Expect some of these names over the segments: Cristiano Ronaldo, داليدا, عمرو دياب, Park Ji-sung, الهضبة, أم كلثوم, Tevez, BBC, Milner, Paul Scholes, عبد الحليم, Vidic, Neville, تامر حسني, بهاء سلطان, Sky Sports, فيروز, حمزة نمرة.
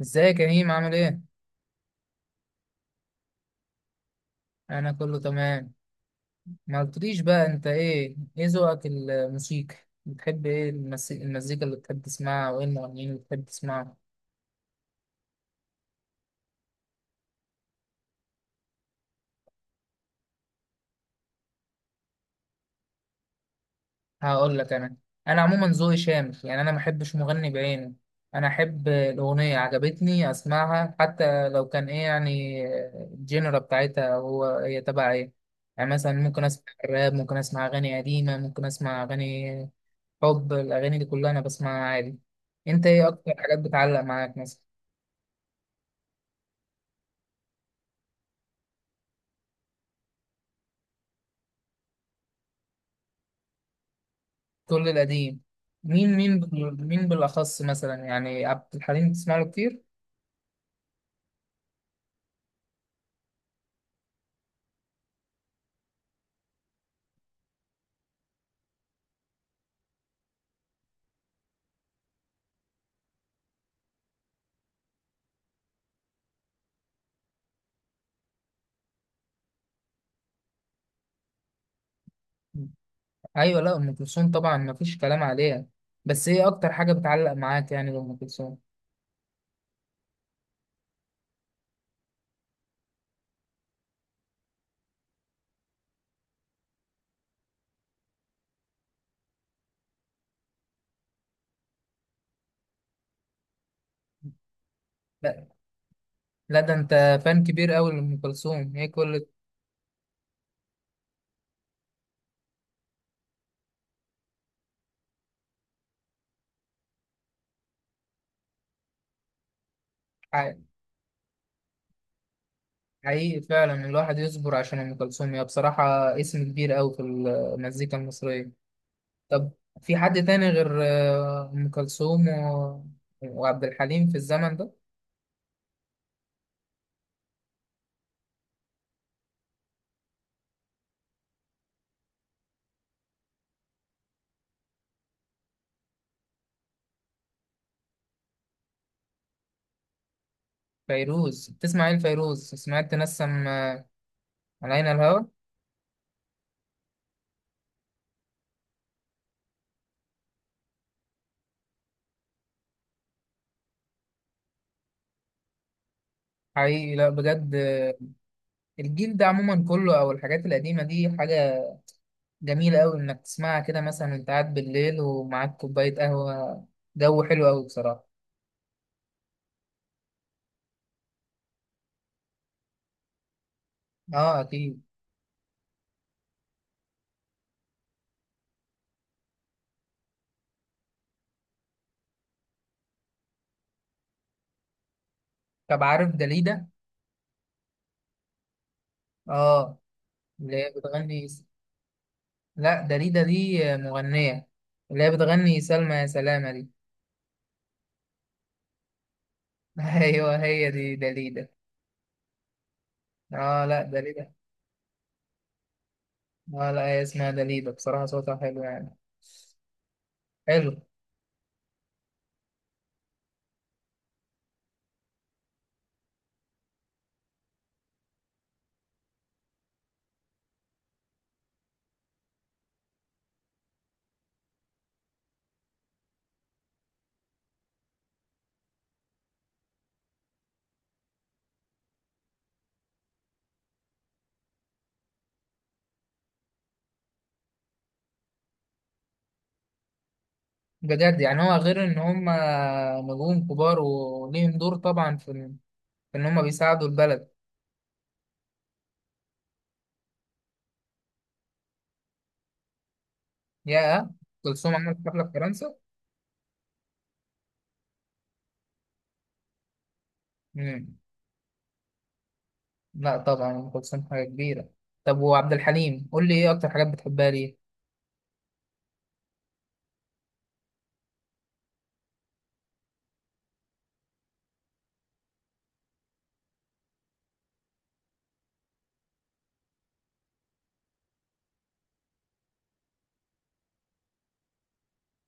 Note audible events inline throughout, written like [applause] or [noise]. ازيك يا هيم عامل ايه؟ انا كله تمام. ما قلتليش بقى انت ايه ذوقك الموسيقى؟ بتحب ايه المزيكا اللي بتحب تسمعها؟ وايه المغنيين اللي بتحب تسمعهم؟ هقول لك انا. انا عموما ذوقي شامل، يعني انا ما احبش مغني بعينه. انا احب الاغنيه عجبتني اسمعها، حتى لو كان ايه يعني الجينرا بتاعتها هو هي تبع ايه. يعني مثلا ممكن اسمع راب، ممكن اسمع اغاني قديمه، ممكن اسمع اغاني حب. الأغاني دي كلها أنا بسمعها عادي. أنت إيه أكتر حاجات بتعلق معاك مثلا؟ كل القديم. مين بالأخص مثلا؟ يعني عبد الحليم بتسمع له كتير؟ أيوة، لا أم كلثوم طبعا مفيش كلام عليها. بس إيه أكتر حاجة بتعلق معاك يعني لأم كلثوم؟ لا، لا ده أنت فان كبير أوي لأم كلثوم. هي كل. ح- حقيقي فعلا الواحد يصبر عشان أم كلثوم. هي بصراحة اسم كبير أوي في المزيكا المصرية. طب في حد تاني غير أم كلثوم وعبد الحليم في الزمن ده؟ فيروز تسمع ايه لفيروز؟ سمعت تنسم علينا الهوى؟ حقيقي لا بجد، الجيل ده عموما كله او الحاجات القديمة دي حاجة جميلة قوي انك تسمعها كده مثلا، وانت قاعد بالليل ومعاك كوباية قهوة. جو حلو قوي بصراحة. اه اكيد. طب عارف داليدا؟ اه. اللي هي بتغني. لا داليدا دي مغنية. اللي هي بتغني سلمى يا سلامة دي. ايوه، هي دي دليدة. اه، لا دليدة. اه، لا هي اسمها دليدة. بصراحة صوتها حلو يعني. حلو. بجد يعني هو غير ان هم نجوم كبار وليهم دور طبعا في ان هم بيساعدوا البلد. يا أم كلثوم عملت حفلة في فرنسا! مم. لا طبعا ام كلثوم حاجة كبيرة. طب وعبد الحليم قول لي ايه اكتر حاجات بتحبها ليه؟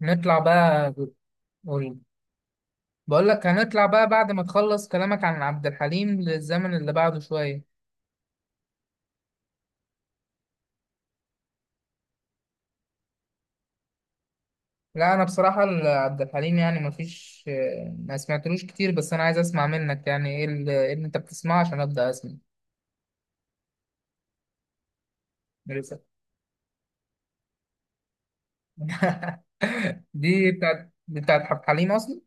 نطلع بقى. قول. بقول لك هنطلع بقى بعد ما تخلص كلامك عن عبد الحليم للزمن اللي بعده شوية. لا انا بصراحه عبد الحليم يعني ما فيش، ما سمعتلوش كتير. بس انا عايز اسمع منك يعني ايه إيه اللي انت بتسمعه عشان ابدا اسمع. لسه. [laughs] دي بتاعت عبد الحليم اصلا.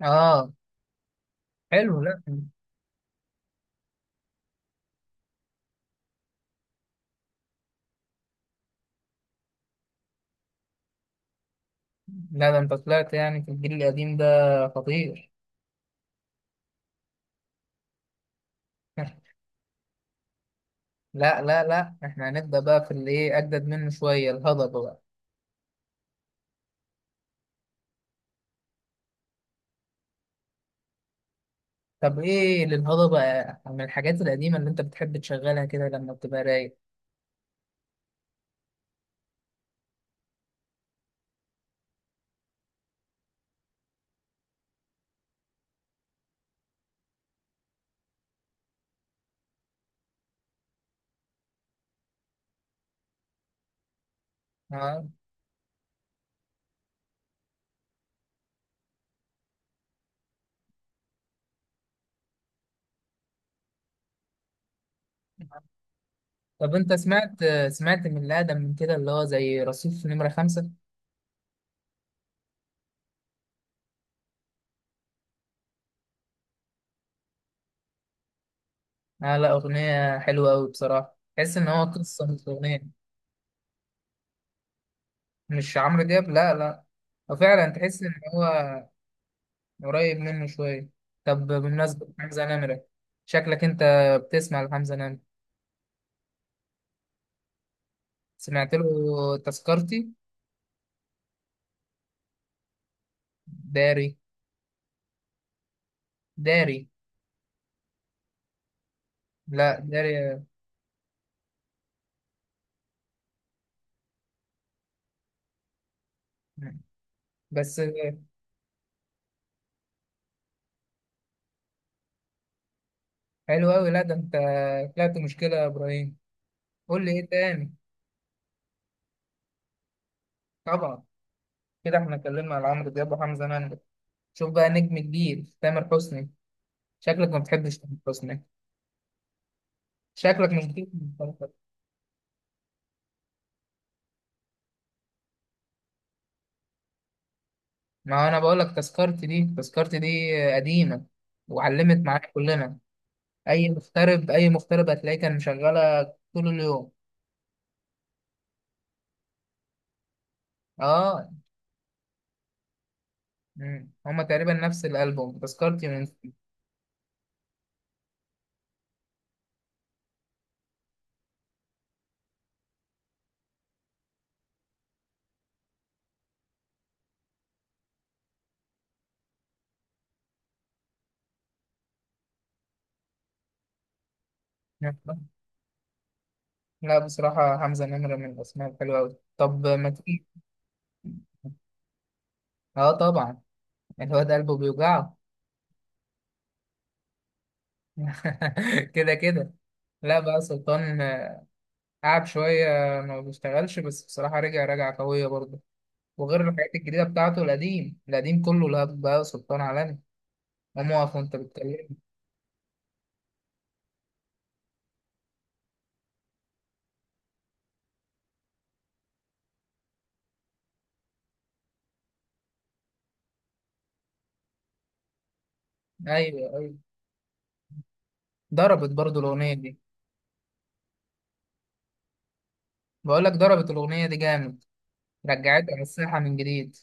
اه. حلو. لا، لا ده انت طلعت يعني في الجيل القديم ده خطير. [laughs] لا، لا، لا احنا هنبدا بقى في اللي ايه اجدد منه شويه، الهضبه بقى. طب ايه للهضبه من الحاجات القديمه اللي انت بتحب تشغلها كده لما بتبقى رايق؟ اه. طب انت سمعت؟ سمعت من الادم من كده اللي هو زي رصيف نمرة خمسة؟ اه لا، اغنية حلوة اوي بصراحة. تحس ان هو قصة مش اغنية. مش عمرو دياب؟ لا، لا. وفعلا تحس ان هو قريب منه شوية. طب بمناسبة حمزة نمرة، شكلك انت بتسمع لحمزة نمرة. سمعت له تذكرتي؟ داري. داري. لا داري. بس. حلو اوي. لا ده انت طلعت مشكلة يا ابراهيم. قول لي ايه تاني؟ طبعا. كده احنا اتكلمنا على عمرو دياب وحمزة نمرة. شوف بقى نجم كبير تامر حسني. شكلك ما بتحبش تامر حسني؟ شكلك مش بتحب تامر حسني. ما انا بقول لك تذكرتي دي، تذكرتي دي قديمة وعلمت معاك كلنا. اي مغترب، اي مغترب هتلاقيه كان مشغلة طول اليوم. اه. مم. هما تقريبا نفس الالبوم تذكرتي من. [laughs] لا بصراحة حمزة نمرة من الاسماء الحلوة أوي. طب ما تيجي. اه طبعا، الواد قلبه بيوجعه. [laughs] كده كده. لا بقى سلطان، قعد شوية ما بيشتغلش، بس بصراحة رجع رجعة قوية برضه. وغير الحاجات الجديدة بتاعته، القديم القديم كله لهب. بقى سلطان عالمي. قام واقف وانت بتكلمني؟ ايوه، ايوه. ضربت برضه الأغنية دي. بقول لك ضربت الأغنية دي جامد. رجعت على الساحة من جديد.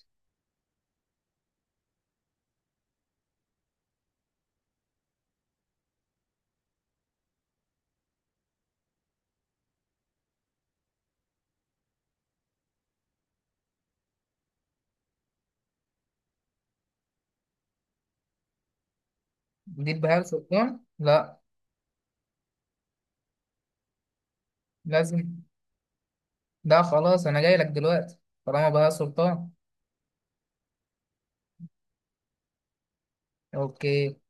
جديد بهاء سلطان؟ لا، لازم. ده خلاص أنا جاي لك دلوقتي طالما بهاء سلطان. أوكي.